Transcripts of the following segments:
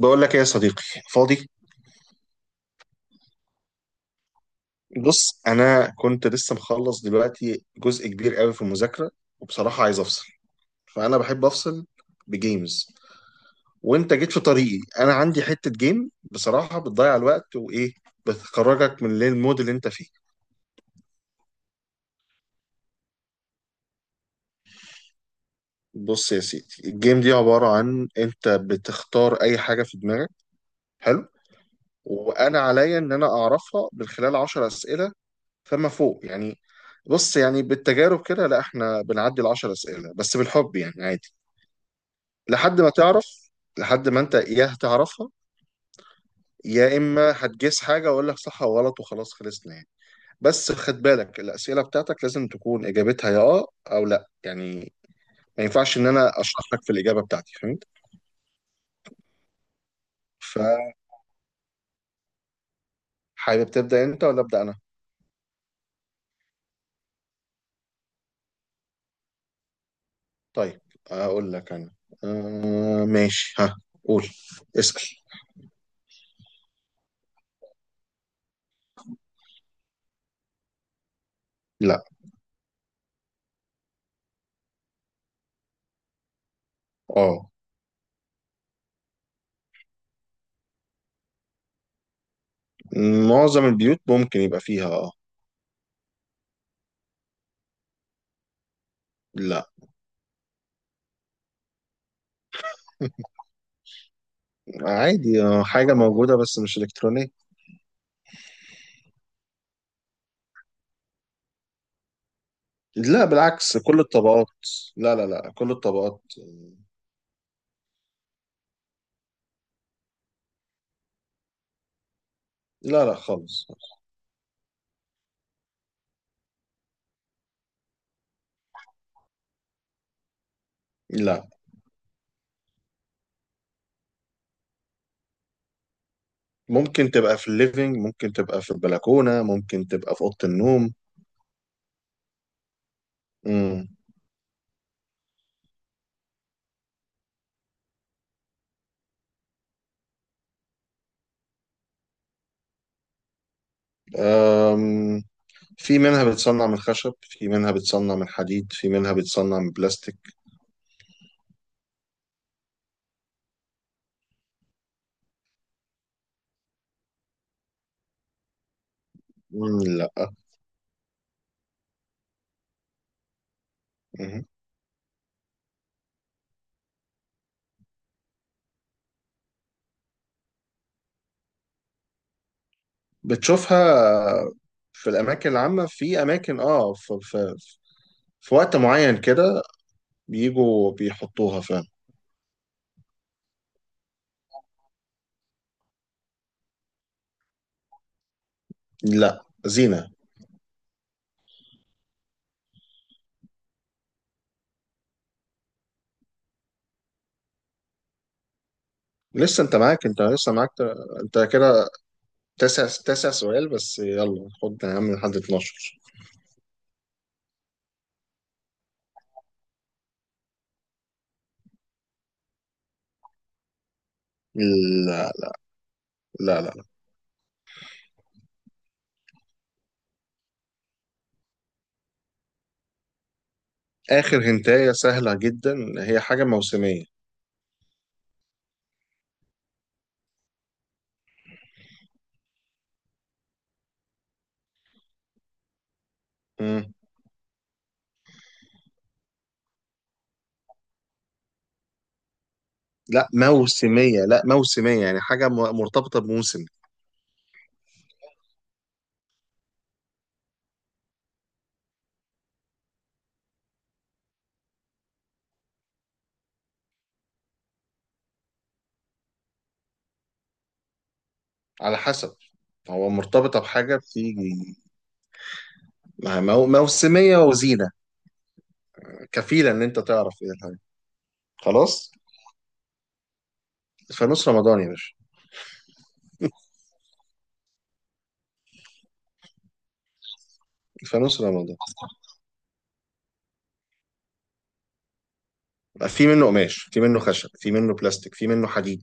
بقول لك ايه يا صديقي؟ فاضي. بص، انا كنت لسه مخلص دلوقتي جزء كبير قوي في المذاكره، وبصراحه عايز افصل. فانا بحب افصل بجيمز، وانت جيت في طريقي. انا عندي حته جيم بصراحه بتضيع الوقت وايه، بتخرجك من المود اللي انت فيه. بص يا سيدي، الجيم دي عباره عن انت بتختار اي حاجه في دماغك. حلو. وانا عليا ان انا اعرفها من خلال 10 اسئله فما فوق يعني. بص يعني بالتجارب كده لا، احنا بنعدي العشر اسئله، بس بالحب يعني عادي لحد ما تعرف، لحد ما انت يا هتعرفها، يا اما هتجيس حاجه واقول لك صح او غلط وخلاص خلصنا يعني. بس خد بالك، الاسئله بتاعتك لازم تكون اجابتها يا اه او لا يعني، ما ينفعش ان انا اشرح لك في الاجابه بتاعتي، فهمت؟ فحابب تبدا انت ولا ابدا انا؟ طيب اقول لك انا. آه ماشي، ها، قول، اسال. لا. اه معظم البيوت ممكن يبقى فيها، اه. لا، عادي آه، حاجة موجودة بس مش إلكترونية. لا بالعكس، كل الطبقات. لا كل الطبقات. لا لا خالص. لا، ممكن تبقى في الليفينج، ممكن تبقى في البلكونة، ممكن تبقى في أوضة النوم. مم. أم، في منها بتصنع من خشب، في منها بتصنع من حديد، في منها بتصنع من بلاستيك. مم، لا. مم. بتشوفها في الأماكن العامة، في أماكن اه في وقت معين كده بيجوا بيحطوها فعلا. لا، زينة. لسه انت معاك، انت لسه معاك، انت كده تسع سؤال، بس يلا خد يا عم لحد 12. لا لا لا. اخر هنتايه سهله جدا، هي حاجه موسميه. مم. لا موسميه، لا موسميه يعني حاجه مرتبطه بموسم. على حسب، هو مرتبطه بحاجه في موسميه وزينه، كفيله ان انت تعرف ايه الحاجه. خلاص، فانوس رمضان يا باشا. فانوس رمضان، في منه قماش، في منه خشب، في منه بلاستيك، في منه حديد،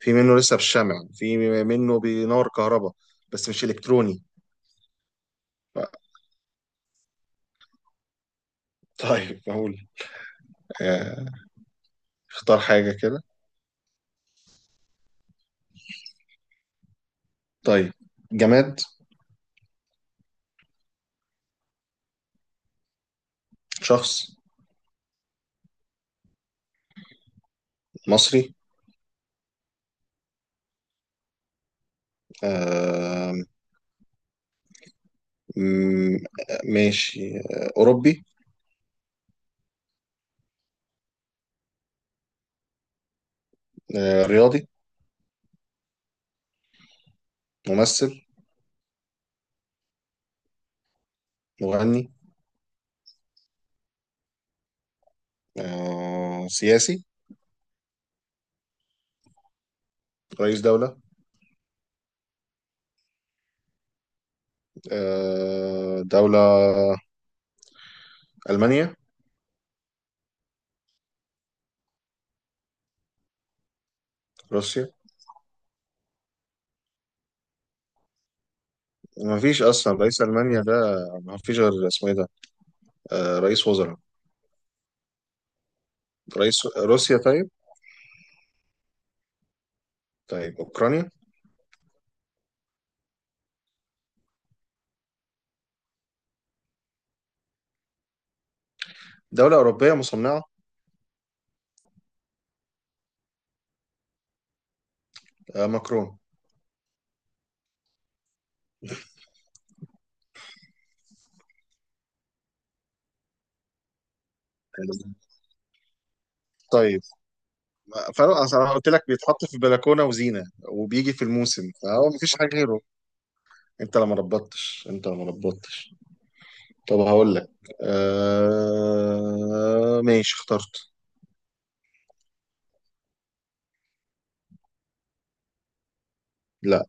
في منه لسه بالشمع، في منه بنار كهرباء، بس مش الكتروني. طيب اقول آه، اختار حاجة كده. طيب. جماد. شخص. مصري. آه، م- ماشي آه، أوروبي. آه، رياضي. ممثل. مغني. آه، سياسي. رئيس دولة. آه، دولة. ألمانيا. روسيا. ما فيش اصلا رئيس المانيا ده. ما فيش غير اسمه ايه ده. آه، رئيس وزراء. رئيس روسيا؟ طيب. طيب اوكرانيا. دوله اوروبيه مصنعه. آه ماكرون. طيب فاروق، أصل انا قلت لك بيتحط في بلكونه وزينه وبيجي في الموسم، فهو ما فيش حاجه غيره. انت لما ربطتش. طب هقول لك. آه ماشي اخترت. لا.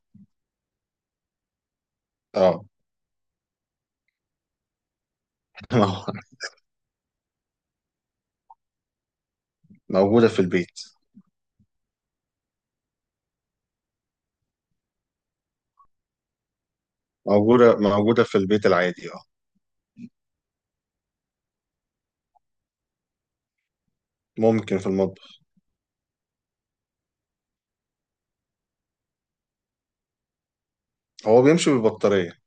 اه. موجوده في البيت. موجوده في البيت العادي اه. ممكن في المطبخ. هو بيمشي بالبطاريه.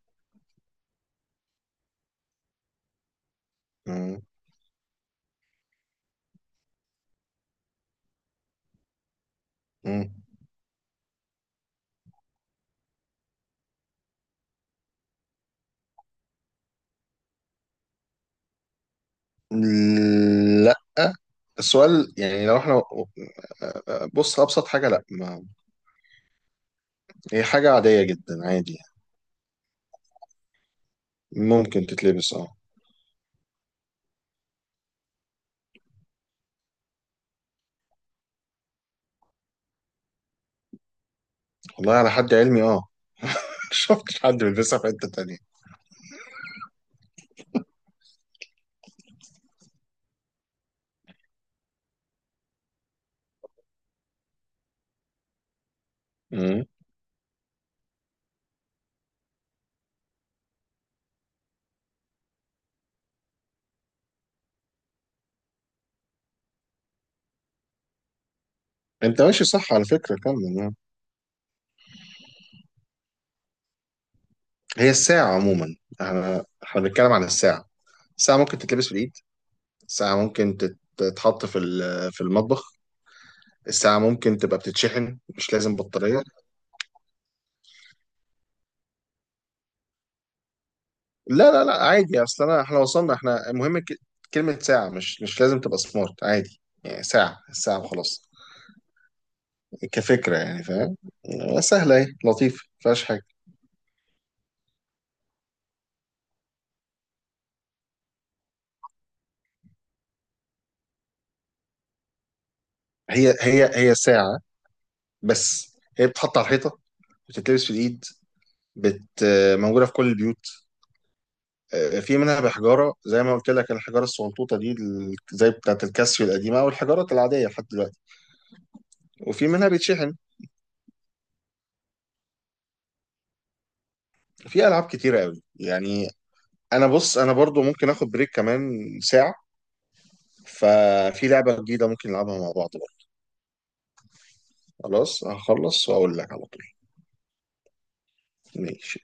مم. لا. السؤال يعني لو احنا، بص، ابسط حاجه لا، ما هي حاجه عاديه جدا عادي. يعني. ممكن تتلبس اه. والله على حد علمي اه، شفتش حد بيلبسها في حته تانية. مم. انت ماشي صح على فكره، كمل آه. هي الساعه عموما، احنا بنتكلم عن الساعه. الساعه ممكن تتلبس في الايد، الساعه ممكن تتحط في في المطبخ، الساعه ممكن تبقى بتتشحن، مش لازم بطاريه. لا عادي، اصل انا احنا وصلنا، احنا المهم كلمة ساعة مش لازم تبقى سمارت، عادي يعني، ساعة الساعة وخلاص. كفكرة يعني فاهم، سهلة اهي لطيفة مفيهاش حاجة. هي ساعة، بس هي بتتحط على الحيطة، بتتلبس في الإيد، بت موجودة في كل البيوت. آه، في منها بحجارة زي ما قلت لك، الحجارة الصغنطوطة دي زي بتاعة الكاسيو القديمة، أو الحجارات العادية لحد دلوقتي. وفي منها بيتشحن. في ألعاب كتيرة قوي يعني. أنا بص أنا برضو ممكن آخد بريك كمان ساعة. ففي لعبة جديدة ممكن نلعبها مع بعض بقى. خلاص هخلص وأقول لك على طول. ماشي.